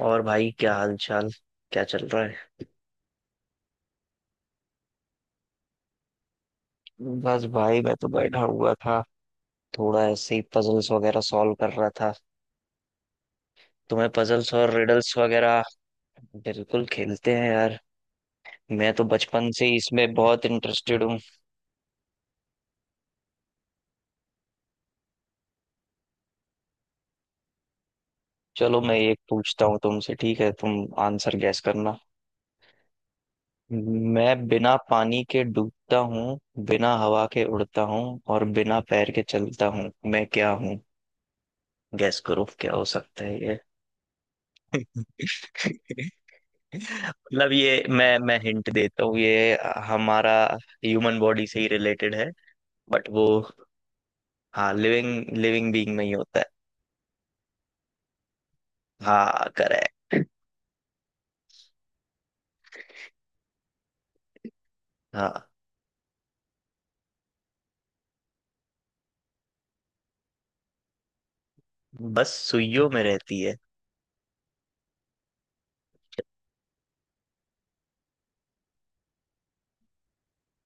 और भाई, क्या हाल चाल, क्या चल रहा है? बस भाई मैं तो बैठा हुआ था, थोड़ा ऐसे ही पजल्स वगैरह सॉल्व कर रहा था। तुम्हें पजल्स और रिडल्स वगैरह बिल्कुल खेलते हैं यार। मैं तो बचपन से ही इसमें बहुत इंटरेस्टेड हूँ। चलो मैं एक पूछता हूँ तुमसे, ठीक है, तुम आंसर गैस करना। मैं बिना पानी के डूबता हूँ, बिना हवा के उड़ता हूँ और बिना पैर के चलता हूँ, मैं क्या हूँ? गैस करो क्या हो सकता है ये। मतलब ये, मैं हिंट देता हूँ, ये हमारा ह्यूमन बॉडी से ही रिलेटेड है। बट वो, हाँ, लिविंग लिविंग बीइंग में ही होता है। हाँ करेक्ट। हाँ। बस सुइयों में रहती है।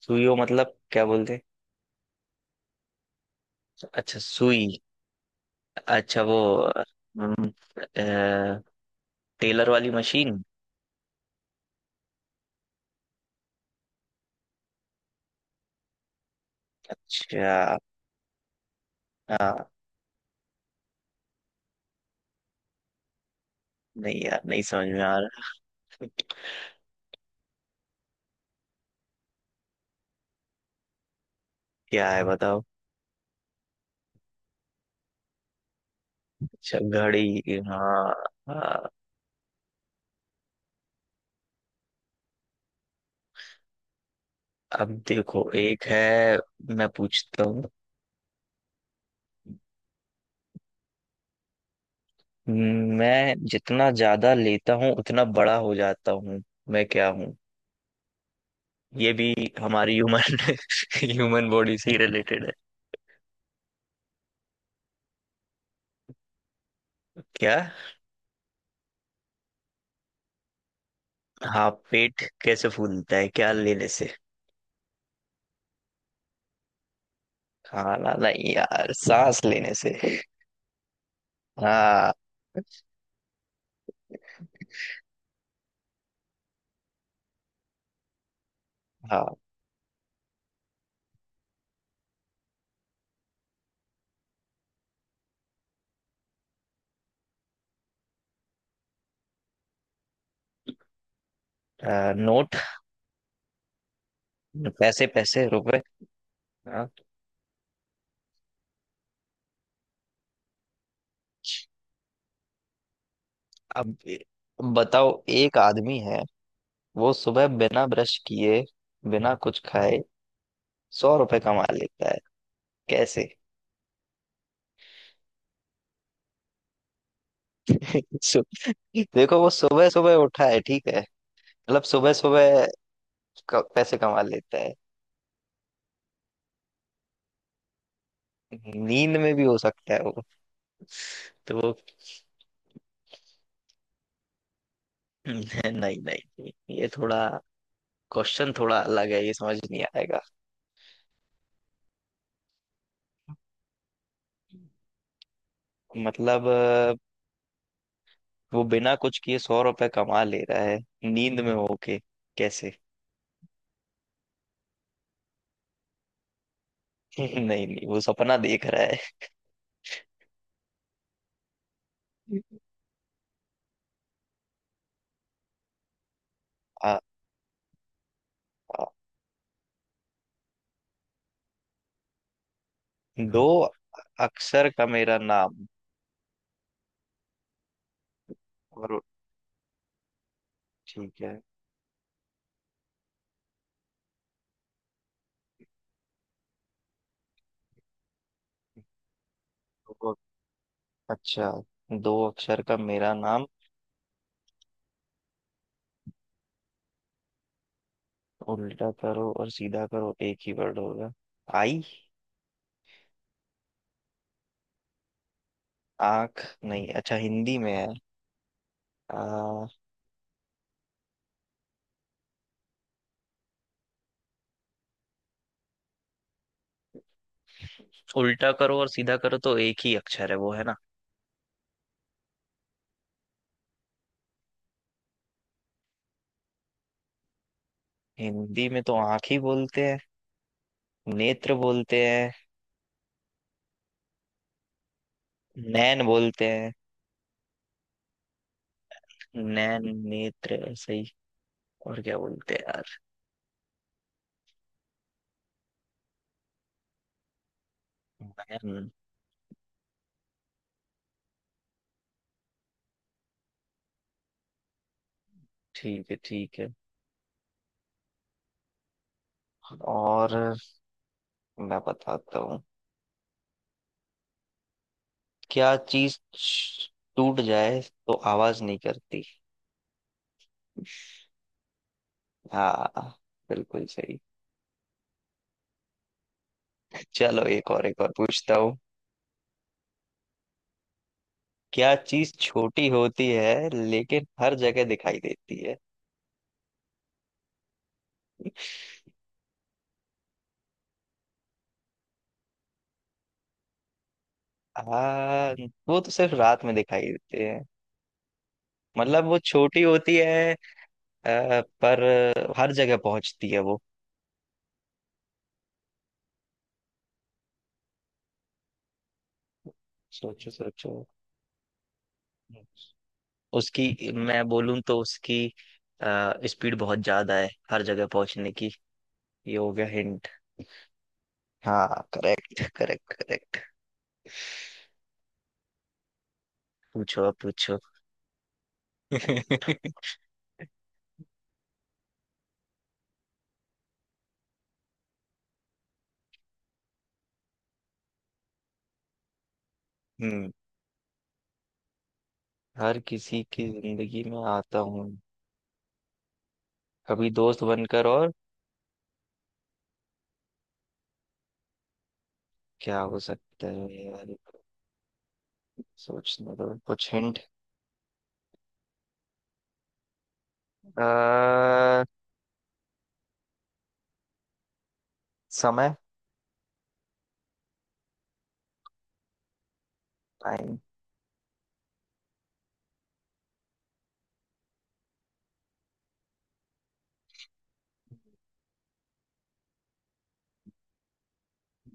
सुइयों मतलब क्या बोलते हैं? अच्छा सुई। अच्छा वो हम्म, अ, टेलर वाली मशीन। अच्छा। हाँ। नहीं यार, नहीं समझ में आ रहा। क्या है बताओ। अच्छा घड़ी, हाँ। हाँ। अब देखो एक है, मैं पूछता हूँ। मैं जितना ज्यादा लेता हूँ उतना बड़ा हो जाता हूँ, मैं क्या हूँ? ये भी हमारी ह्यूमन ह्यूमन बॉडी से ही रिलेटेड है। क्या? हाँ पेट कैसे फूलता है, क्या लेने से? खाना नहीं यार, सांस लेने से। हाँ। हाँ नोट। पैसे, पैसे, रुपए। हाँ। अब बताओ, एक आदमी है वो सुबह बिना ब्रश किए, बिना कुछ खाए 100 रुपए कमा लेता है, कैसे? सु- देखो वो सुबह सुबह उठा है, ठीक है। मतलब सुबह सुबह पैसे कमा लेता है। नींद में भी हो सकता है वो। तो वो। नहीं, नहीं, नहीं, ये थोड़ा, क्वेश्चन थोड़ा अलग है, ये समझ नहीं आएगा। मतलब वो बिना कुछ किए 100 रुपए कमा ले रहा है, नींद में होके, कैसे? नहीं, नहीं, वो सपना देख रहा है। आ, आ, दो अक्षर का मेरा नाम। और ठीक है। अच्छा दो अक्षर का मेरा नाम। उल्टा करो और सीधा करो एक ही वर्ड होगा। आई। आंख नहीं, अच्छा हिंदी में है। आ, उल्टा करो और सीधा करो तो एक ही अक्षर है वो, है ना। हिंदी में तो आंख ही बोलते हैं। नेत्र बोलते हैं। नैन बोलते हैं। नैन, नेत्र, ऐसे ही। और क्या बोलते हैं यार? नैन। ठीक है, ठीक है। और मैं बताता हूँ। क्या चीज टूट जाए तो आवाज नहीं करती? हाँ। बिल्कुल सही। चलो एक और, एक और पूछता हूँ। क्या चीज छोटी होती है लेकिन हर जगह दिखाई देती है? आ, वो तो सिर्फ रात में दिखाई देती है। मतलब वो छोटी होती है पर हर जगह पहुंचती है वो। सोचो सोचो। उसकी, मैं बोलूं तो उसकी स्पीड बहुत ज्यादा है हर जगह पहुंचने की। ये हो गया हिंट। हाँ करेक्ट, करेक्ट, करेक्ट। पूछो अब पूछो। हम्म। हर किसी की जिंदगी में आता हूँ, कभी दोस्त बनकर और। क्या हो सकता है यार, सोचने दो, कुछ हिंट। आ, समय। टाइम।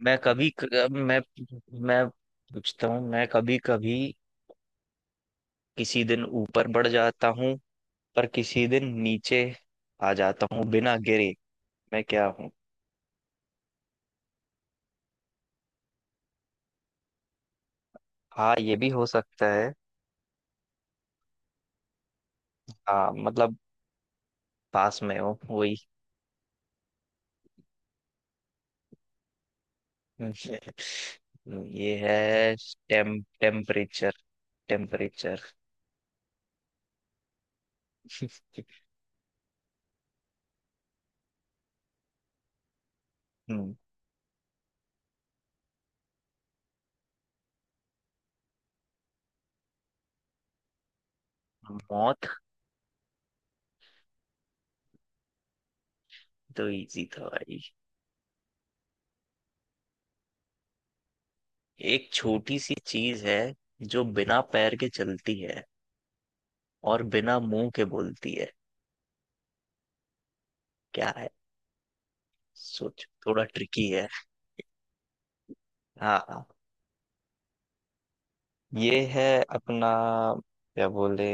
मैं कभी क- मैं पूछता हूँ। मैं कभी कभी किसी दिन ऊपर बढ़ जाता हूँ, पर किसी दिन नीचे आ जाता हूँ बिना गिरे। मैं क्या हूँ? हाँ ये भी हो सकता है। हाँ मतलब, पास में हो वही। हम्म, तो ये है। Temperature, temperature. हम्म। मौत। तो इजी था भाई। एक छोटी सी चीज है जो बिना पैर के चलती है और बिना मुंह के बोलती है, क्या है? सोचो, थोड़ा ट्रिकी है। हाँ, हाँ। ये है अपना, क्या बोले।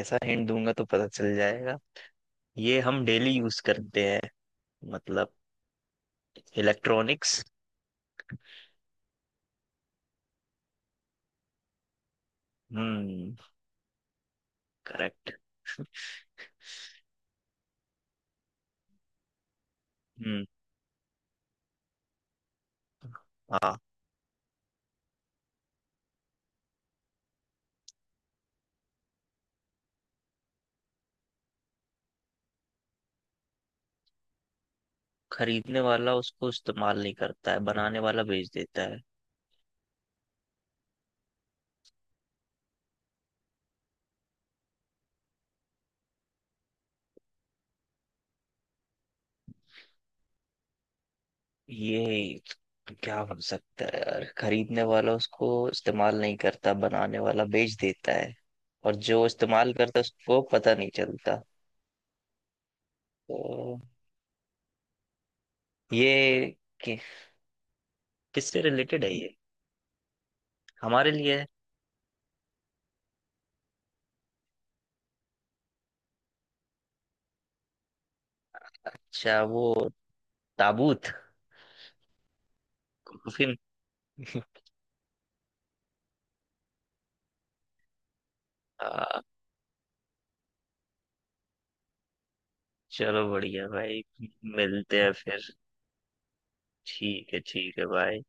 ऐसा हिंट दूंगा तो पता चल जाएगा। ये हम डेली यूज करते हैं, मतलब इलेक्ट्रॉनिक्स। हम्म। करेक्ट। हम्म। हाँ। खरीदने वाला उसको इस्तेमाल नहीं करता है, बनाने वाला बेच देता है। ये क्या हो सकता है यार, खरीदने वाला उसको इस्तेमाल नहीं करता, बनाने वाला बेच देता है और जो इस्तेमाल करता है उसको पता नहीं चलता। तो ये कि, किससे रिलेटेड है ये? हमारे लिए है। अच्छा वो ताबूत। कॉफिन। आ, चलो बढ़िया भाई। मिलते हैं फिर। ठीक है, ठीक है भाई।